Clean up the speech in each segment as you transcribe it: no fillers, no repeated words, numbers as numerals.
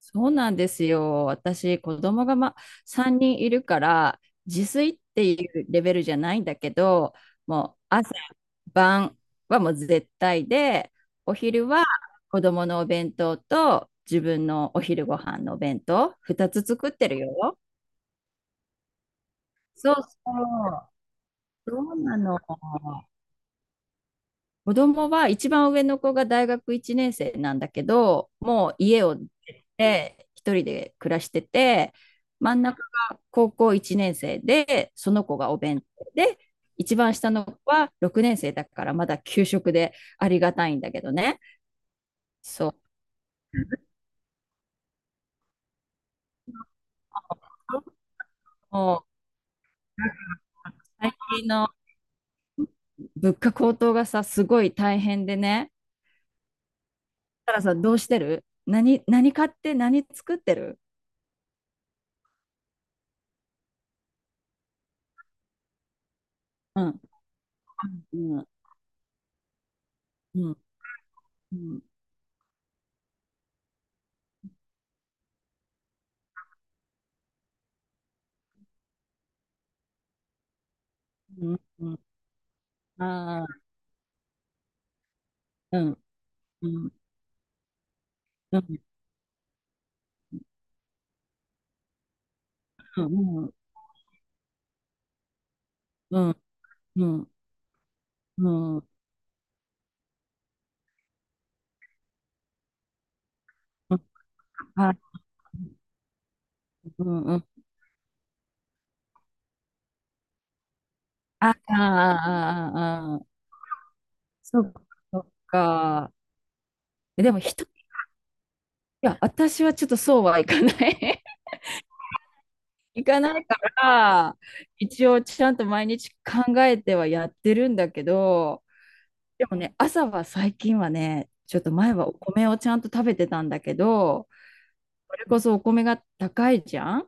そうなんですよ。私、子供が3人いるから、自炊っていうレベルじゃないんだけど、もう朝、晩はもう絶対で、お昼は子供のお弁当と自分のお昼ご飯のお弁当、2つ作ってるよ。そうそう。そうなの。子供は一番上の子が大学1年生なんだけど、もう家を出て一人で暮らしてて、真ん中が高校1年生で、その子がお弁当で、一番下の子は6年生だからまだ給食でありがたいんだけどね。そう。もう最近の物価高騰がさ、すごい大変でね。たらさどうしてる何買って何作ってる。うん。うん。うん。うん。うん。うん。ああ、うん。うん、うん、うん、うん、うん、うん、うん、あ、うん、うん、あ、あ、あ、あ、そっか、そっか。でも一人、いや、私はちょっとそうはいかない。いかないから、一応ちゃんと毎日考えてはやってるんだけど、でもね、朝は最近はね、ちょっと前はお米をちゃんと食べてたんだけど、それこそお米が高いじゃん。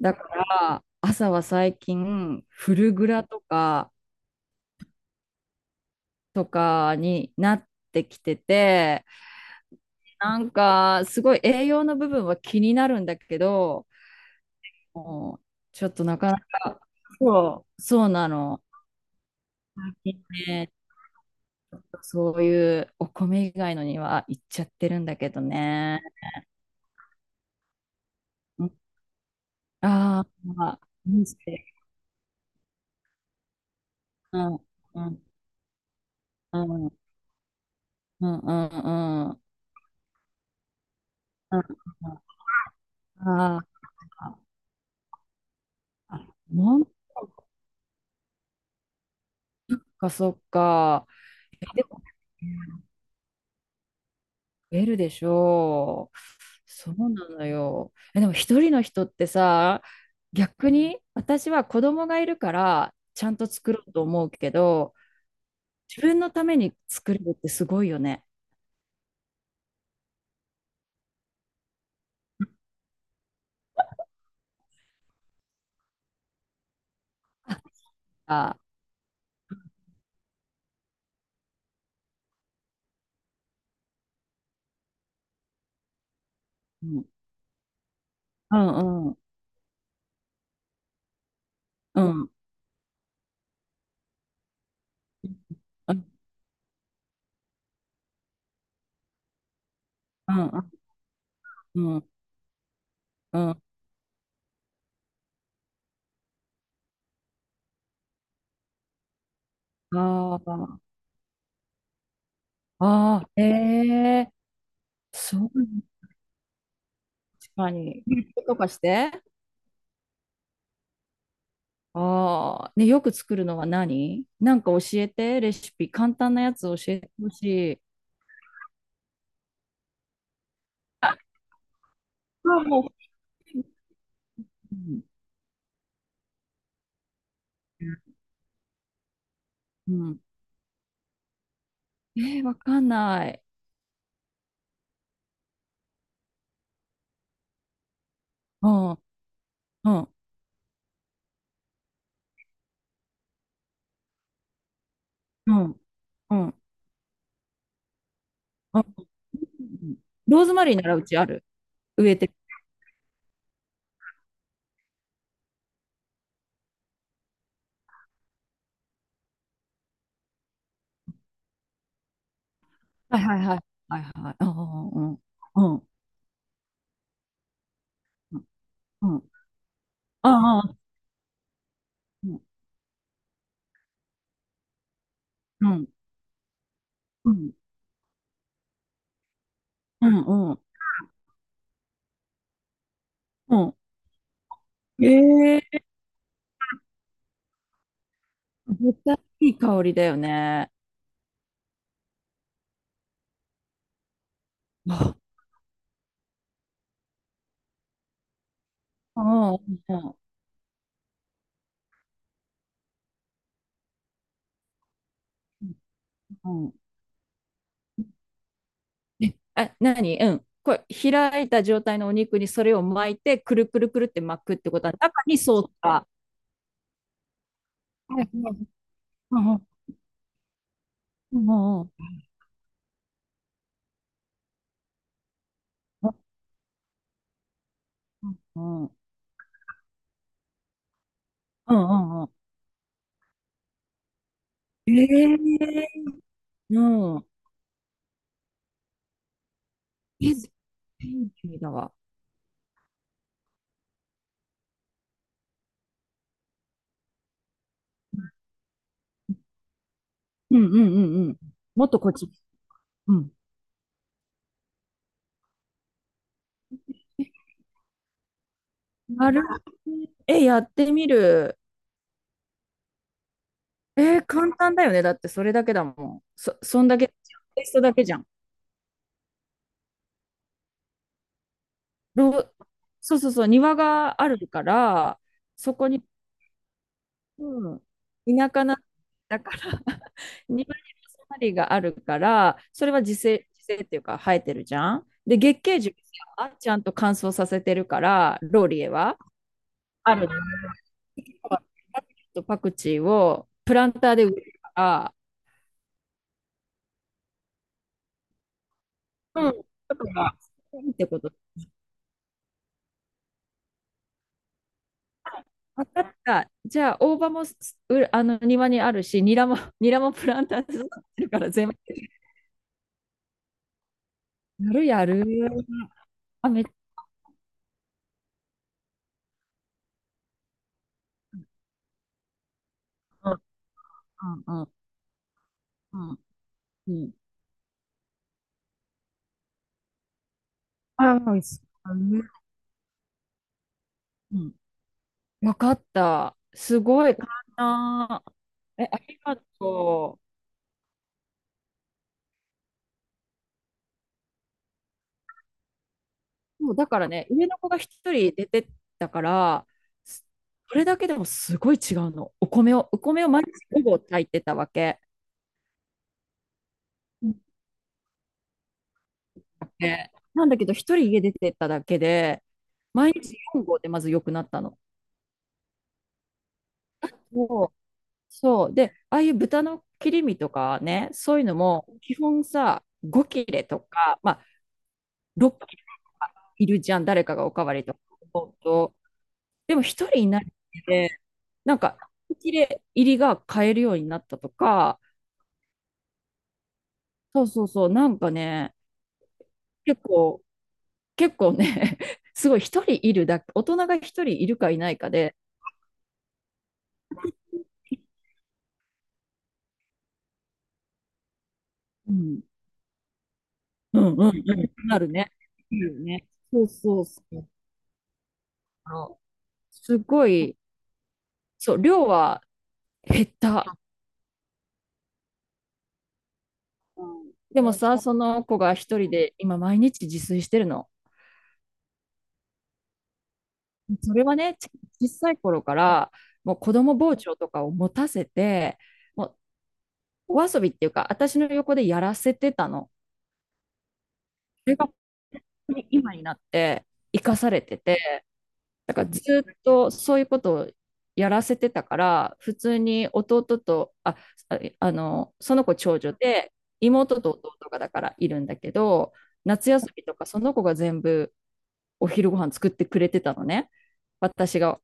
だから朝は最近フルグラとかになってきてて、なんかすごい栄養の部分は気になるんだけど、もうちょっとなかなか。そうそうなの、ね、ちょっとそういうお米以外のにはいっちゃってるんだけどね。うん。あー、まあ人生。うん、うん、うん、うん、うん、うん、うん、うん。あー、あ、もか、そっか。え、でも増えるでしょう。そうなのよ。え、でも一人の人ってさ、逆に私は子供がいるからちゃんと作ろうと思うけど、自分のために作れるってすごいよね。あ、うん、うん、うん、うん、うん、うん、うん、うん。ああ、ああ、ええ、そう、確かに。とかして。ああ、ね、よく作るのは何、なんか教えて、レシピ。簡単なやつ教えてほしい。あ、もう、うん。うん、えー、わかんない。うん、うん、うん、うん、うん。ローズマリーならうちある。植えてる。はいはいはい。はいはい。ああ、うん、うん、うん、うん。ああ、うん、うん、うん、うん、うん。うん、ええ。絶対いい香りだよね。ああ、うん、うん、うん。え、あ、何、うん。これ、開いた状態のお肉にそれを巻いて、くるくるくるって巻くってことは、中にソースが。はいはい。うん、うん、うん、うん、うん、うん、うん、ええ。うん。え、天気だわ。うん、うん、うん、うん。もっとこっち。うん。なる。え、やってみる。えー、簡単だよね。だってそれだけだもん。そ、そんだけ、テイストだけじゃん。ローそうそうそう、庭があるから、そこに、うん。田舎な、だから 庭にローズマリーがあるから、それは自生、自生っていうか生えてるじゃん。で、月桂樹はちゃんと乾燥させてるから、ローリエは。あるとパクチーをプランターで植えるから、うん。だから、ってこと。分かった。じゃあ、大葉もすうあの庭にあるし、ニラも、ニラもプランターで育ってるから全部。やるやる。あ、めっちゃ。うん、うん、うん。うん。ああ、美味しい。うん。わかった。すごい、簡単。え、ありがとう。もうだからね、上の子が一人出てったから、すそれだけでもすごい違うの。お米を、お米を毎日午後炊いてたわけ。うん。でなんだけど、一人家出てっただけで、毎日4合でまず良くなったの。そう。そう。で、ああいう豚の切り身とかね、そういうのも、基本さ、5切れとか、まあ、6切れいるじゃん、誰かがおかわりとか。そうそう。でも一人いないで、なんか、切れ入りが買えるようになったとか、そうそうそう、なんかね、結構、結構ね、すごい一人いるだけ、大人が一人いるかいないかで、うん、うん、うん、うんなるね。いるね。そうそうそう。あの、すごい、そう、量は減った。でもさ、その子が一人で今毎日自炊してるの。それはね、小さい頃から、もう子供包丁とかを持たせて、もお遊びっていうか、私の横でやらせてたの。それが本当に今になって生かされてて、だからずっとそういうことをやらせてたから、普通に弟と、あの、その子長女で、妹と弟がだからいるんだけど、夏休みとかその子が全部お昼ご飯作ってくれてたのね。私が。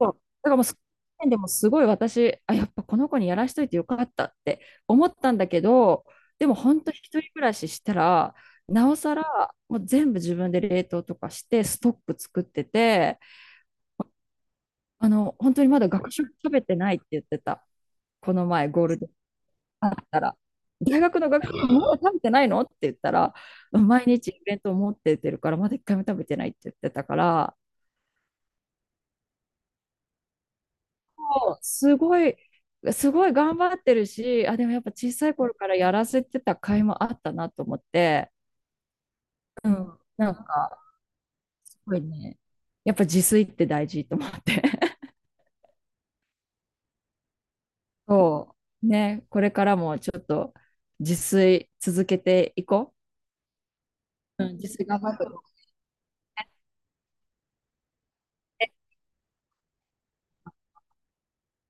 そう。だからもう、その時点でもすごい私、あ、やっぱこの子にやらしといてよかったって思ったんだけど、でも本当一人暮らししたら、なおさら、もう全部自分で冷凍とかして、ストック作ってて、あの、本当にまだ学食食べてないって言ってた。この前、ゴールデンあったら。大学の学食まだ食べてないのって言ったら、毎日イベント持ってってるから、まだ一回も食べてないって言ってたから、すごい、すごい頑張ってるし、あ、でもやっぱ小さい頃からやらせてた甲斐もあったなと思って、うん、なんか、すごいね、やっぱ自炊って大事と思って。そう、ね、これからもちょっと自炊続けていこう。うん、自炊頑張って。